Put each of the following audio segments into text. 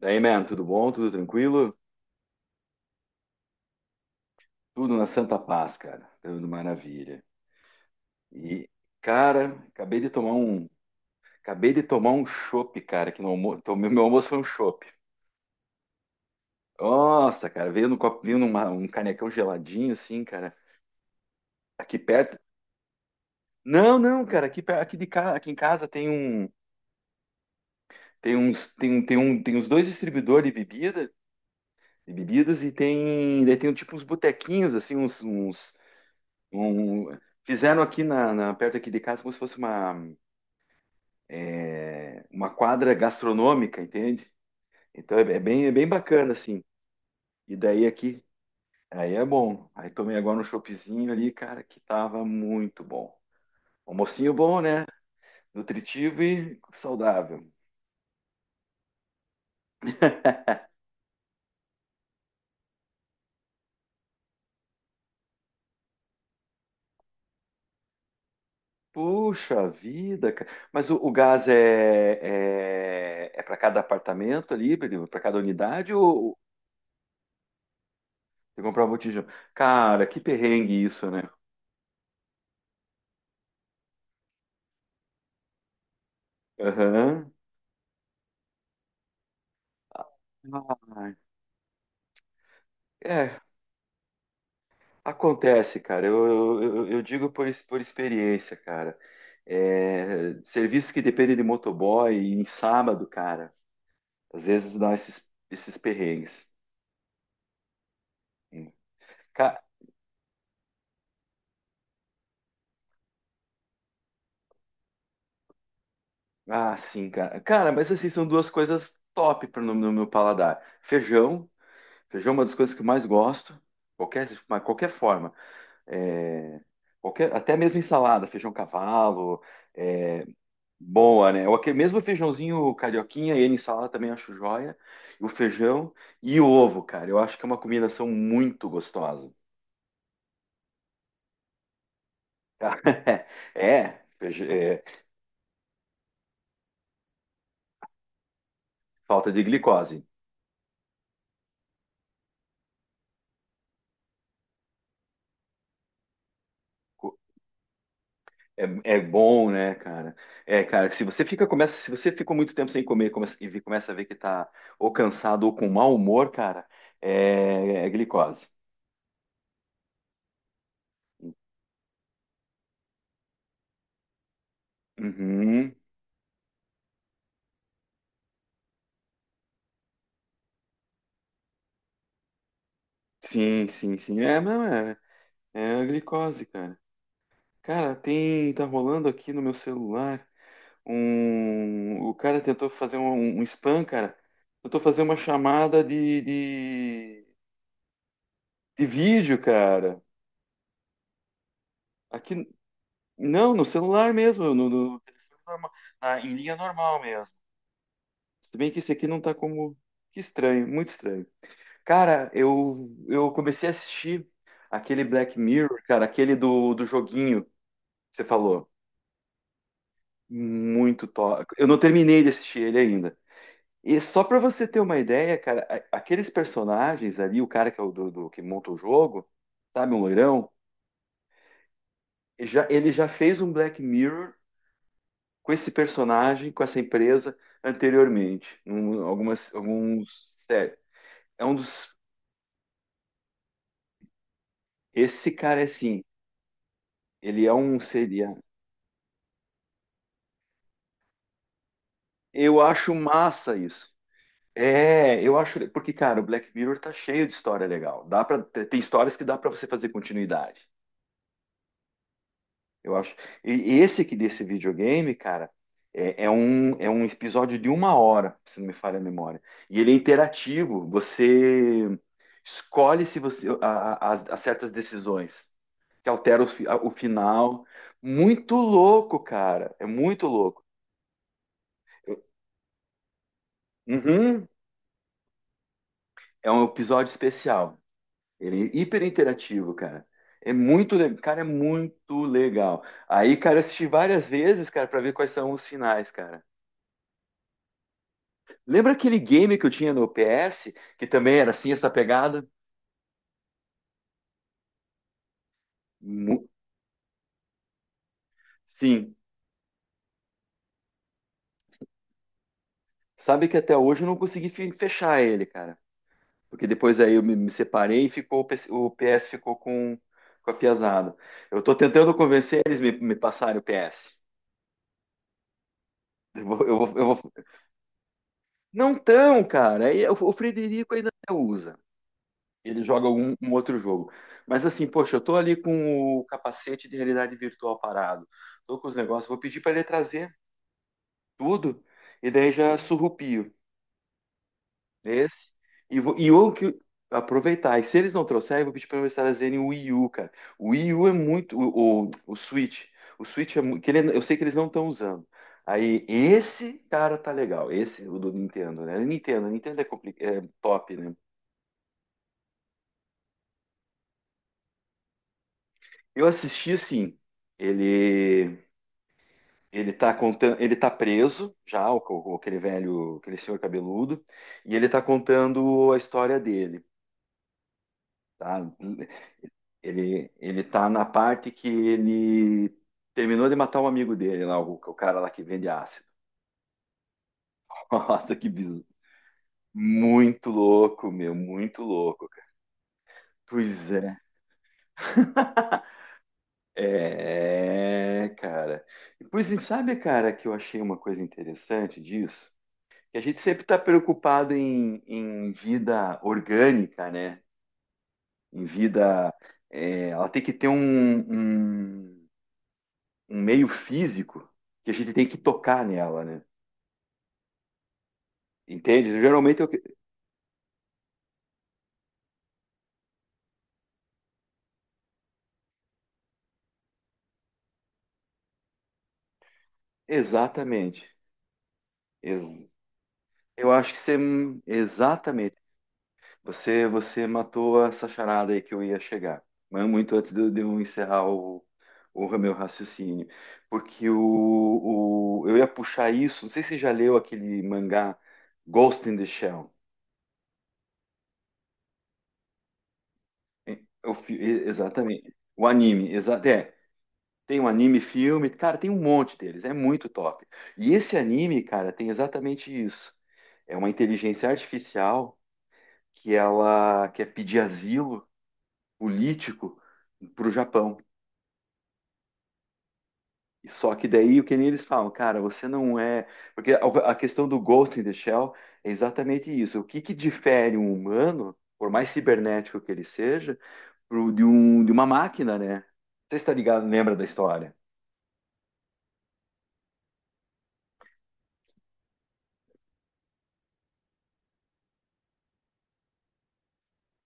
Daí, man, tudo bom? Tudo tranquilo? Tudo na santa paz, cara. Tudo maravilha. E, cara, acabei de tomar um, Acabei de tomar um chopp, cara, que no almoço, tomei, meu almoço foi um chopp. Nossa, cara, veio no copinho, um canecão geladinho assim, cara. Aqui perto. Não, não, cara, aqui de casa, aqui em casa tem um, tem uns, tem um, tem um, tem uns dois distribuidores de bebida, de bebidas e tem, tipo uns botequinhos assim, um- fizeram aqui perto aqui de casa como se fosse uma uma quadra gastronômica, entende? Então é bem, é bem bacana, assim. E daí aqui, aí é bom. Aí tomei agora um choppzinho ali, cara, que tava muito bom. Almocinho bom, né? Nutritivo e saudável. Puxa vida, cara. Mas o gás é para cada apartamento ali, para cada unidade ou você comprava botijão? Cara, que perrengue isso, né? Aham. Ah, é, acontece, cara. Eu digo por experiência, cara. É, serviços que dependem de motoboy e em sábado, cara, às vezes dá esses perrengues. Ca- Ah, sim, cara. Cara, mas assim, são duas coisas top no meu paladar. Feijão. Feijão é uma das coisas que eu mais gosto. Qualquer forma. É, Qualquer, até mesmo ensalada, feijão cavalo. É, Boa, né? Mesmo o feijãozinho carioquinha, ele em salada também acho joia. O feijão e o ovo, cara. Eu acho que é uma combinação muito gostosa. É, feij- é, Falta de glicose. Co- É, é bom, né, cara? É, cara, se você ficou muito tempo sem comer, começa a ver que tá ou cansado ou com mau humor, cara, é glicose. Uhum. Sim. É, não, é, É a glicose, cara. Tá rolando aqui no meu celular o cara tentou fazer um spam, cara. Tentou fazer uma chamada de vídeo, cara. Aqui, não, no celular mesmo, no telefone normal, em linha normal mesmo. Se bem que esse aqui não tá como, que estranho, muito estranho. Cara, eu comecei a assistir aquele Black Mirror, cara, aquele do joguinho que você falou. Muito top. Eu não terminei de assistir ele ainda. E só para você ter uma ideia, cara, aqueles personagens ali, o cara que é o que monta o jogo, sabe, um loirão, ele já fez um Black Mirror com esse personagem, com essa empresa anteriormente, alguns séries. É um dos, esse cara é assim, ele é um seria. Eu acho massa isso. É, eu acho, porque cara, o Black Mirror tá cheio de história legal. Dá para Tem histórias que dá para você fazer continuidade. Eu acho. E esse aqui desse videogame, cara, é um episódio de uma hora, se não me falha a memória. E ele é interativo. Você escolhe se você a- as- as certas decisões que alteram o final. Muito louco, cara. É muito louco. Eu- Uhum. É um episódio especial. Ele é hiper interativo, cara. É muito legal, cara, é muito legal. Aí, cara, eu assisti várias vezes, cara, pra ver quais são os finais, cara. Lembra aquele game que eu tinha no PS, que também era assim, essa pegada? Mu- Sim. Sabe que até hoje eu não consegui fechar ele, cara. Porque depois aí eu me separei e ficou, o PS ficou com a piazada. Eu tô tentando convencer eles me passarem o PS. Eu vou, eu vou- eu vou- Não tão, cara. Aí O o Frederico ainda usa. Ele joga um outro jogo. Mas assim, poxa, eu tô ali com o capacete de realidade virtual parado. Tô com os negócios. Vou pedir para ele trazer tudo, e daí já surrupio esse. E eu que aproveitar. E se eles não trouxerem, eu vou pedir para eles trazerem o Wii U, cara. O Wii U é muito. O Switch. O Switch é muito. Que ele, eu sei que eles não estão usando. Aí, esse cara tá legal. Esse, o do Nintendo, né? Nintendo é top, né? Eu assisti assim. Ele. Ele tá preso já, aquele velho, aquele senhor cabeludo, e ele tá contando a história dele, tá? Ele tá na parte que ele terminou de matar um amigo dele lá, o cara lá que vende ácido. Nossa, que bizarro. Muito louco, meu, muito louco, cara. Pois é. É, cara. E sabe, cara, que eu achei uma coisa interessante disso? Que a gente sempre está preocupado em vida orgânica, né? Em vida. É, ela tem que ter um, um meio físico que a gente tem que tocar nela, né? Entende? Exatamente. Ex- Eu acho que você. Exatamente. Você matou essa charada aí que eu ia chegar. Mas muito antes de eu encerrar o meu raciocínio. Porque eu ia puxar isso. Não sei se você já leu aquele mangá Ghost in the Shell. Exatamente. O anime. Exa é. Tem um anime, filme, cara, tem um monte deles, é muito top. E esse anime, cara, tem exatamente isso. É uma inteligência artificial que ela quer pedir asilo político para o Japão. E só que daí o que nem eles falam, cara, você não é, porque a questão do Ghost in the Shell é exatamente isso. O que que difere um humano, por mais cibernético que ele seja, de uma máquina, né? Você está ligado, lembra da história?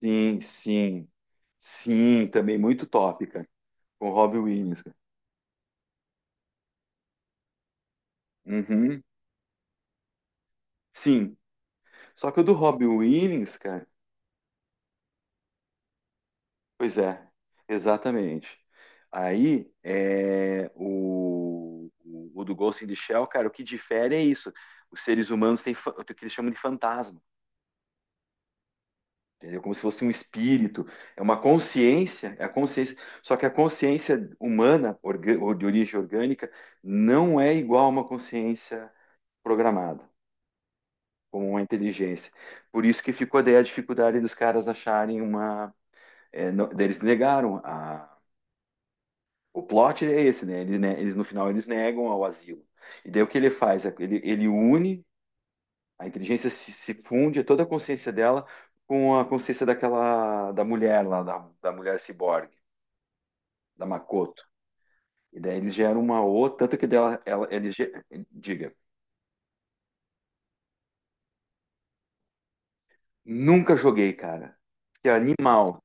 Sim, sim. Sim, também muito top, cara. Com o Robbie Williams, cara. Uhum. Sim. Só que o do Robbie Williams, cara. Pois é, exatamente. Aí é o do Ghost in the Shell, cara, o que difere é isso. Os seres humanos têm o que eles chamam de fantasma, entendeu? Como se fosse um espírito, é uma consciência, é a consciência. Só que a consciência humana, ou de origem orgânica, não é igual a uma consciência programada, como uma inteligência. Por isso que ficou daí a dificuldade dos caras acharem uma. Daí eles negaram a. O plot é esse, né? Eles no final eles negam ao asilo. E daí o que ele faz? Ele, ele une, a inteligência se funde, toda a consciência dela com a consciência daquela da mulher lá, da mulher ciborgue, da Makoto. E daí eles geram uma outra, tanto que dela, ela, ele, diga, nunca joguei, cara. Que animal.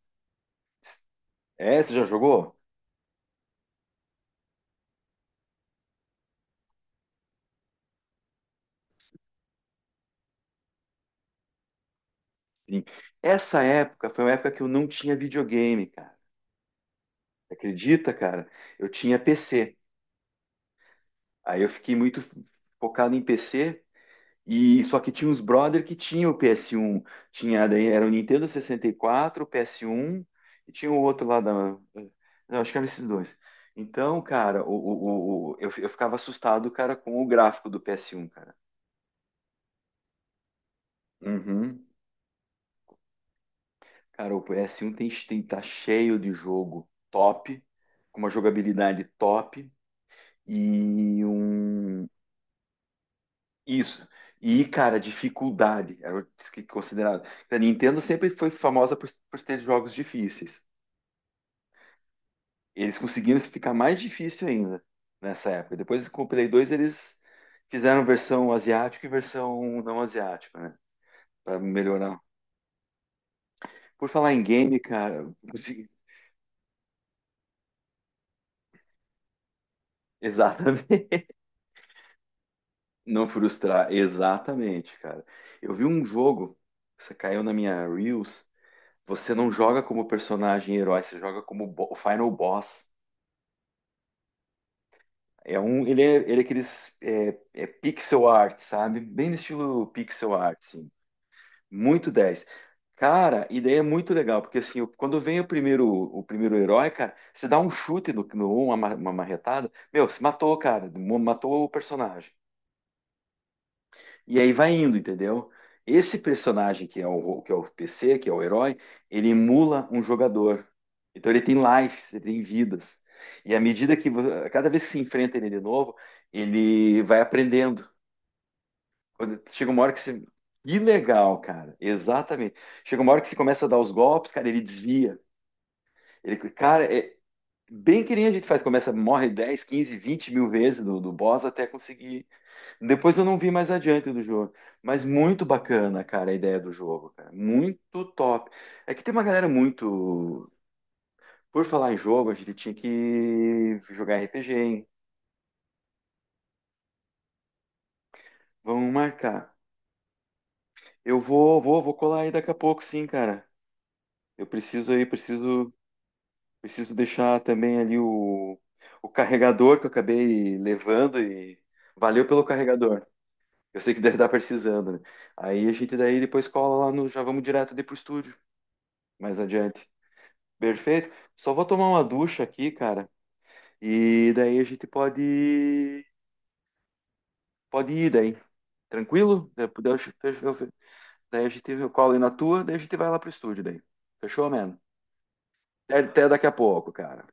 É, você já jogou? Sim. Essa época foi uma época que eu não tinha videogame, cara. Você acredita, cara? Eu tinha PC. Aí eu fiquei muito focado em PC e só que tinha uns brother que tinha o PS1, tinha daí era o Nintendo 64, o PS1 e tinha o outro lá da. Não, acho que eram esses dois. Então, cara, eu ficava assustado, cara, com o gráfico do PS1, cara. Uhum. Cara, tem tá cheio de jogo top, com uma jogabilidade top. E um. Isso. E, cara, dificuldade era o que considerado. A Nintendo sempre foi famosa por ter jogos difíceis. Eles conseguiram ficar mais difícil ainda nessa época. Depois com o Play 2, eles fizeram versão asiática e versão não asiática, né? Para melhorar. Por falar em game, cara, exatamente. Não frustrar, exatamente, cara. Eu vi um jogo, isso caiu na minha Reels. Você não joga como personagem herói, você joga como o final boss. É um, ele é aqueles é pixel art, sabe? Bem no estilo pixel art, sim. Muito dez. Cara, ideia é muito legal, porque assim, quando vem o primeiro herói, cara, você dá um chute no, no uma, ma- uma marretada, meu, você matou, cara, matou o personagem. E aí vai indo, entendeu? Esse personagem que é o PC, que é o herói, ele emula um jogador. Então ele tem lives, ele tem vidas. E à medida que, cada vez que se enfrenta ele de novo, ele vai aprendendo. Quando- chega uma hora que se. Que legal, cara. Exatamente. Chega uma hora que você começa a dar os golpes, cara, ele desvia. Ele, cara, é bem que nem a gente faz, começa, morre 10, 15, 20 mil vezes do boss até conseguir depois eu não vi mais adiante do jogo. Mas muito bacana, cara, a ideia do jogo, cara. Muito top. É que tem uma galera muito. Por falar em jogo, a gente tinha que jogar RPG, hein? Vamos marcar. Vou colar aí daqui a pouco, sim, cara. Eu preciso aí, preciso, Preciso deixar também ali o carregador que eu acabei levando e valeu pelo carregador. Eu sei que deve estar precisando, né? Aí a gente daí depois cola lá no, já vamos direto ali pro estúdio, mais adiante. Perfeito. Só vou tomar uma ducha aqui, cara. E daí a gente pode, pode ir daí. Tranquilo? Eu- eu- Daí a gente eu colo aí na tua, daí a gente vai lá pro estúdio daí. Fechou, mano? Até, até daqui a pouco, cara.